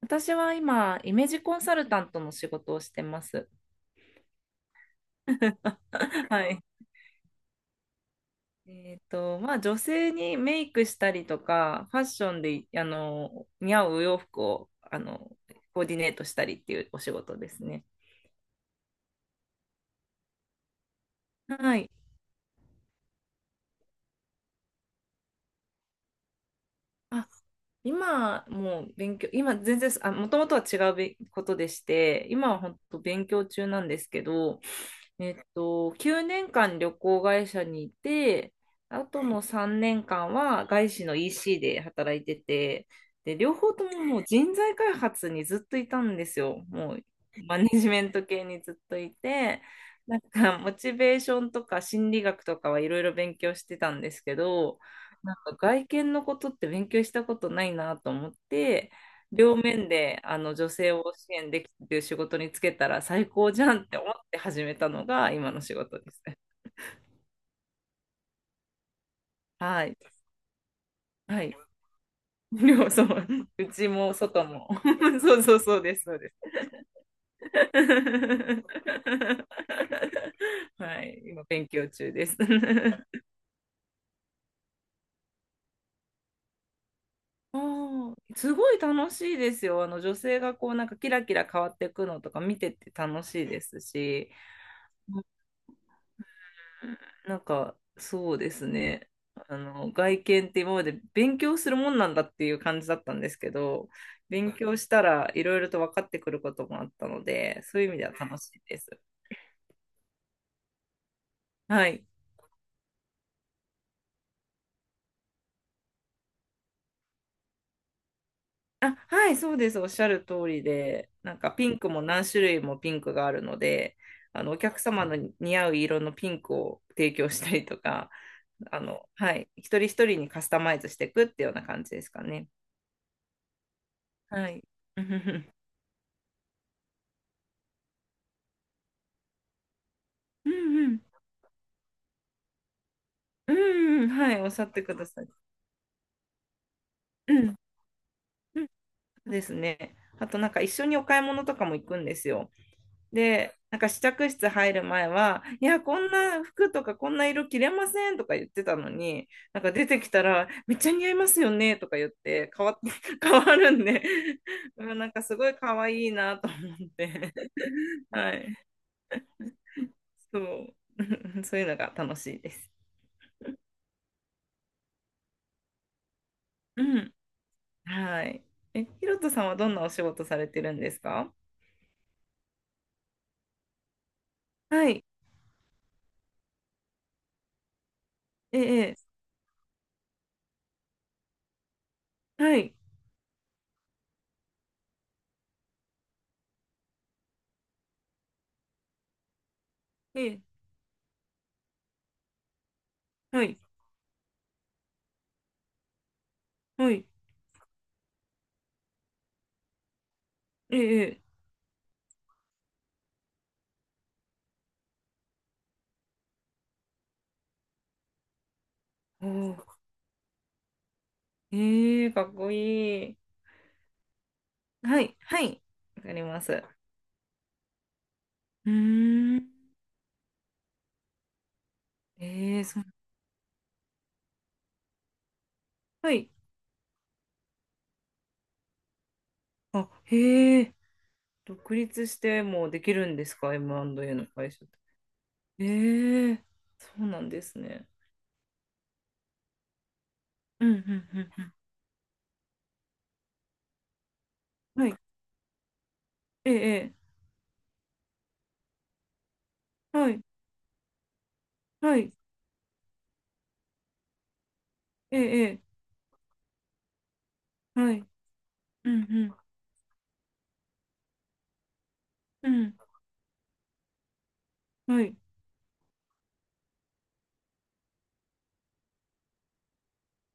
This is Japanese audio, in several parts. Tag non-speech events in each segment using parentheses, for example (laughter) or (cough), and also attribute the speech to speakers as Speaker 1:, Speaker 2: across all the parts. Speaker 1: 私は今、イメージコンサルタントの仕事をしてます。(laughs) はい。まあ、女性にメイクしたりとか、ファッションで、似合うお洋服を、コーディネートしたりっていうお仕事ですね。はい。あ、今もう勉強、今全然、あ、もともとは違うべことでして、今は本当勉強中なんですけど、9年間旅行会社にいて、あとの3年間は外資の EC で働いてて、で、両方とももう人材開発にずっといたんですよ。もうマネジメント系にずっといて、なんかモチベーションとか心理学とかはいろいろ勉強してたんですけど、なんか外見のことって勉強したことないなと思って、両面であの女性を支援できるっていう仕事につけたら最高じゃんって思って始めたのが今の仕事ですね。はい。はい。そう、うちも外も。(laughs) そうそうそうです、そうです。(laughs) はい。今勉強中です。(laughs) あーすごい楽しいですよ。あの女性がこうなんかキラキラ変わっていくのとか見てて楽しいですし、なんか、そうですね。あの、外見って今まで勉強するもんなんだっていう感じだったんですけど、勉強したらいろいろと分かってくることもあったので、そういう意味では楽しいです。はい。あ、はい、そうです。おっしゃる通りで、なんかピンクも何種類もピンクがあるので、お客様の似合う色のピンクを提供したりとか、はい、一人一人にカスタマイズしていくっていうような感じですかね。はい。うんうんうん。うんうんうんはい、おっしゃってください。うん、うんそうですね。あとなんか一緒にお買い物とかも行くんですよ。で、なんか試着室入る前は、いや、こんな服とかこんな色着れませんとか言ってたのに、なんか出てきたら、めっちゃ似合いますよねとか言って、変わって、(laughs) 変わるんで、(laughs) うんなんかすごい可愛いなと思って、(laughs) はい、そう、(laughs) そういうのが楽しいです。うん、はい。え、ひろとさんはどんなお仕事されてるんですか？はい、ええ。はい。ええ、はい。はい。ええ、ええおーええかっこいい。はい。はい。わかります。うーん。ええ、そう。はい。あ、へえ。独立してもできるんですか ?M&A の会社って。ええ、そうなんですね。うん、うん、うん、うん。はい。ええ、ええはい。はい。ええ、ええはい。うん、うん、うん。はい。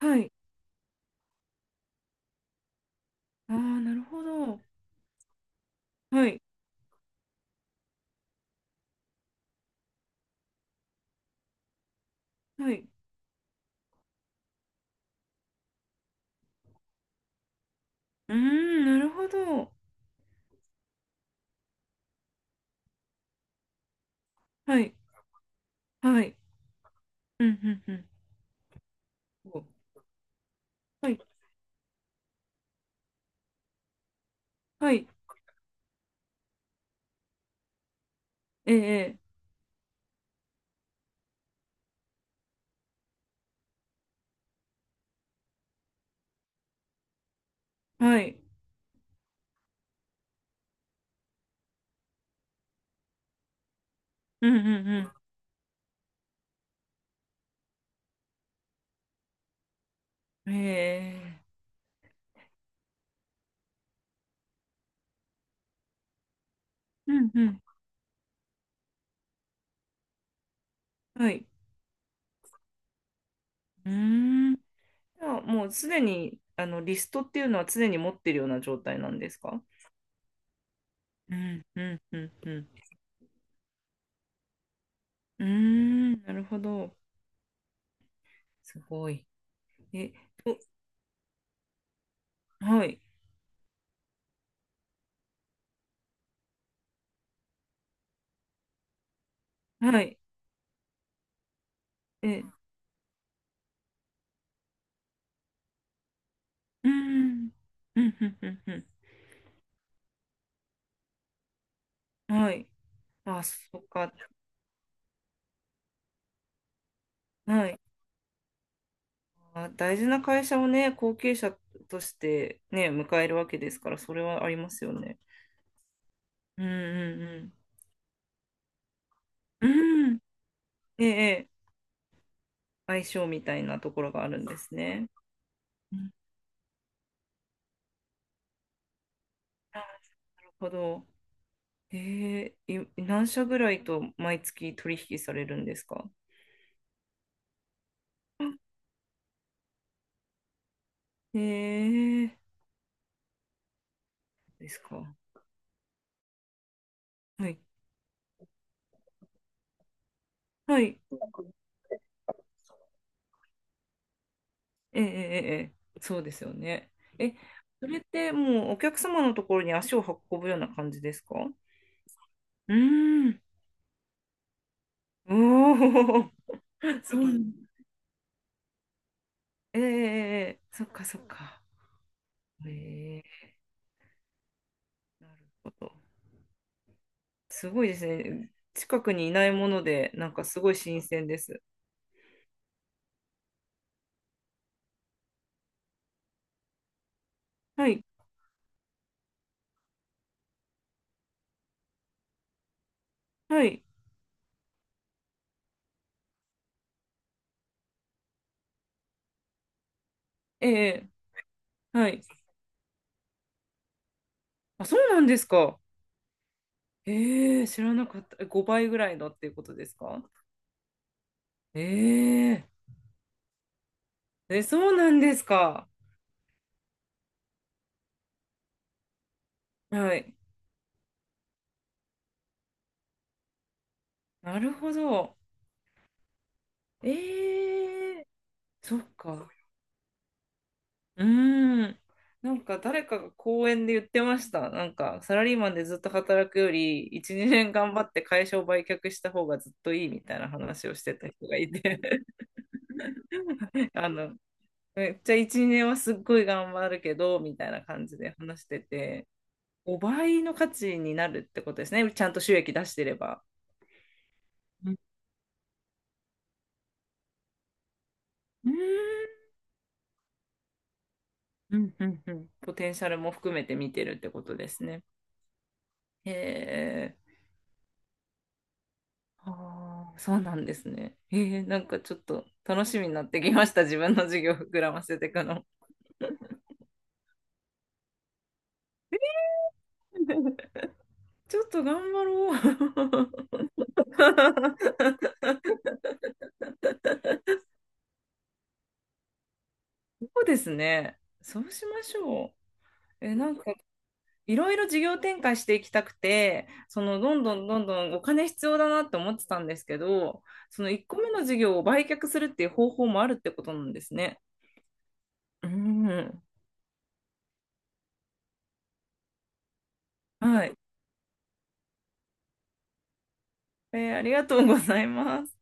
Speaker 1: はい。ああ、なるほど。はい。はい。うーん、なるほど。はい。はい。うんうんうん。おはい。はい。ええ。はい。うんうんうん。ええ。うんうん。はい。うーん。じゃあもうすでにあのリストっていうのは常に持ってるような状態なんですか？うんうんうんうん。うーん。なるほど。すごい。え、と、はい。はい。え、うーん。うんうんうんうん。はい。あ、そっか。はい。あ、大事な会社をね、後継者としてね、迎えるわけですから、それはありますよね。うんうんうん。うん。ええ、ええ相性みたいなところがあるんですね。うんあなるほど。ええ、何社ぐらいと毎月取引されるんですか？ええ、ですか。はい。はい。ええ、ええ、ええそうですよね。え、それってもうお客様のところに足を運ぶような感じですか？うーん。おお、そうええええそっかそっか。ええなるほど。すごいですね。近くにいないもので、なんかすごい新鮮です。はい、はい、ええはい。あ、そうなんですか。ええ知らなかった。5倍ぐらいのっていうことですか？えええ、そうなんですか。はい。なるほど。ええそっか。うーん。なんか誰かが講演で言ってました。なんかサラリーマンでずっと働くより1、2年頑張って会社を売却した方がずっといいみたいな話をしてた人がいて (laughs) あの、めっちゃ1、2年はすっごい頑張るけどみたいな感じで話してて、5倍の価値になるってことですね。ちゃんと収益出してれば。うんうんうんうんうんポテンシャルも含めて見てるってことですね。へえ。ああ、そうなんですね。ええ、なんかちょっと楽しみになってきました。自分の授業膨らませていくの。(laughs) ちょっと頑張ろう。(laughs) そうですね。そうしましょう。え、なんかいろいろ事業展開していきたくて、そのどんどんどんどんお金必要だなって思ってたんですけど、その1個目の事業を売却するっていう方法もあるってことなんですね。うん。はい。ありがとうございます。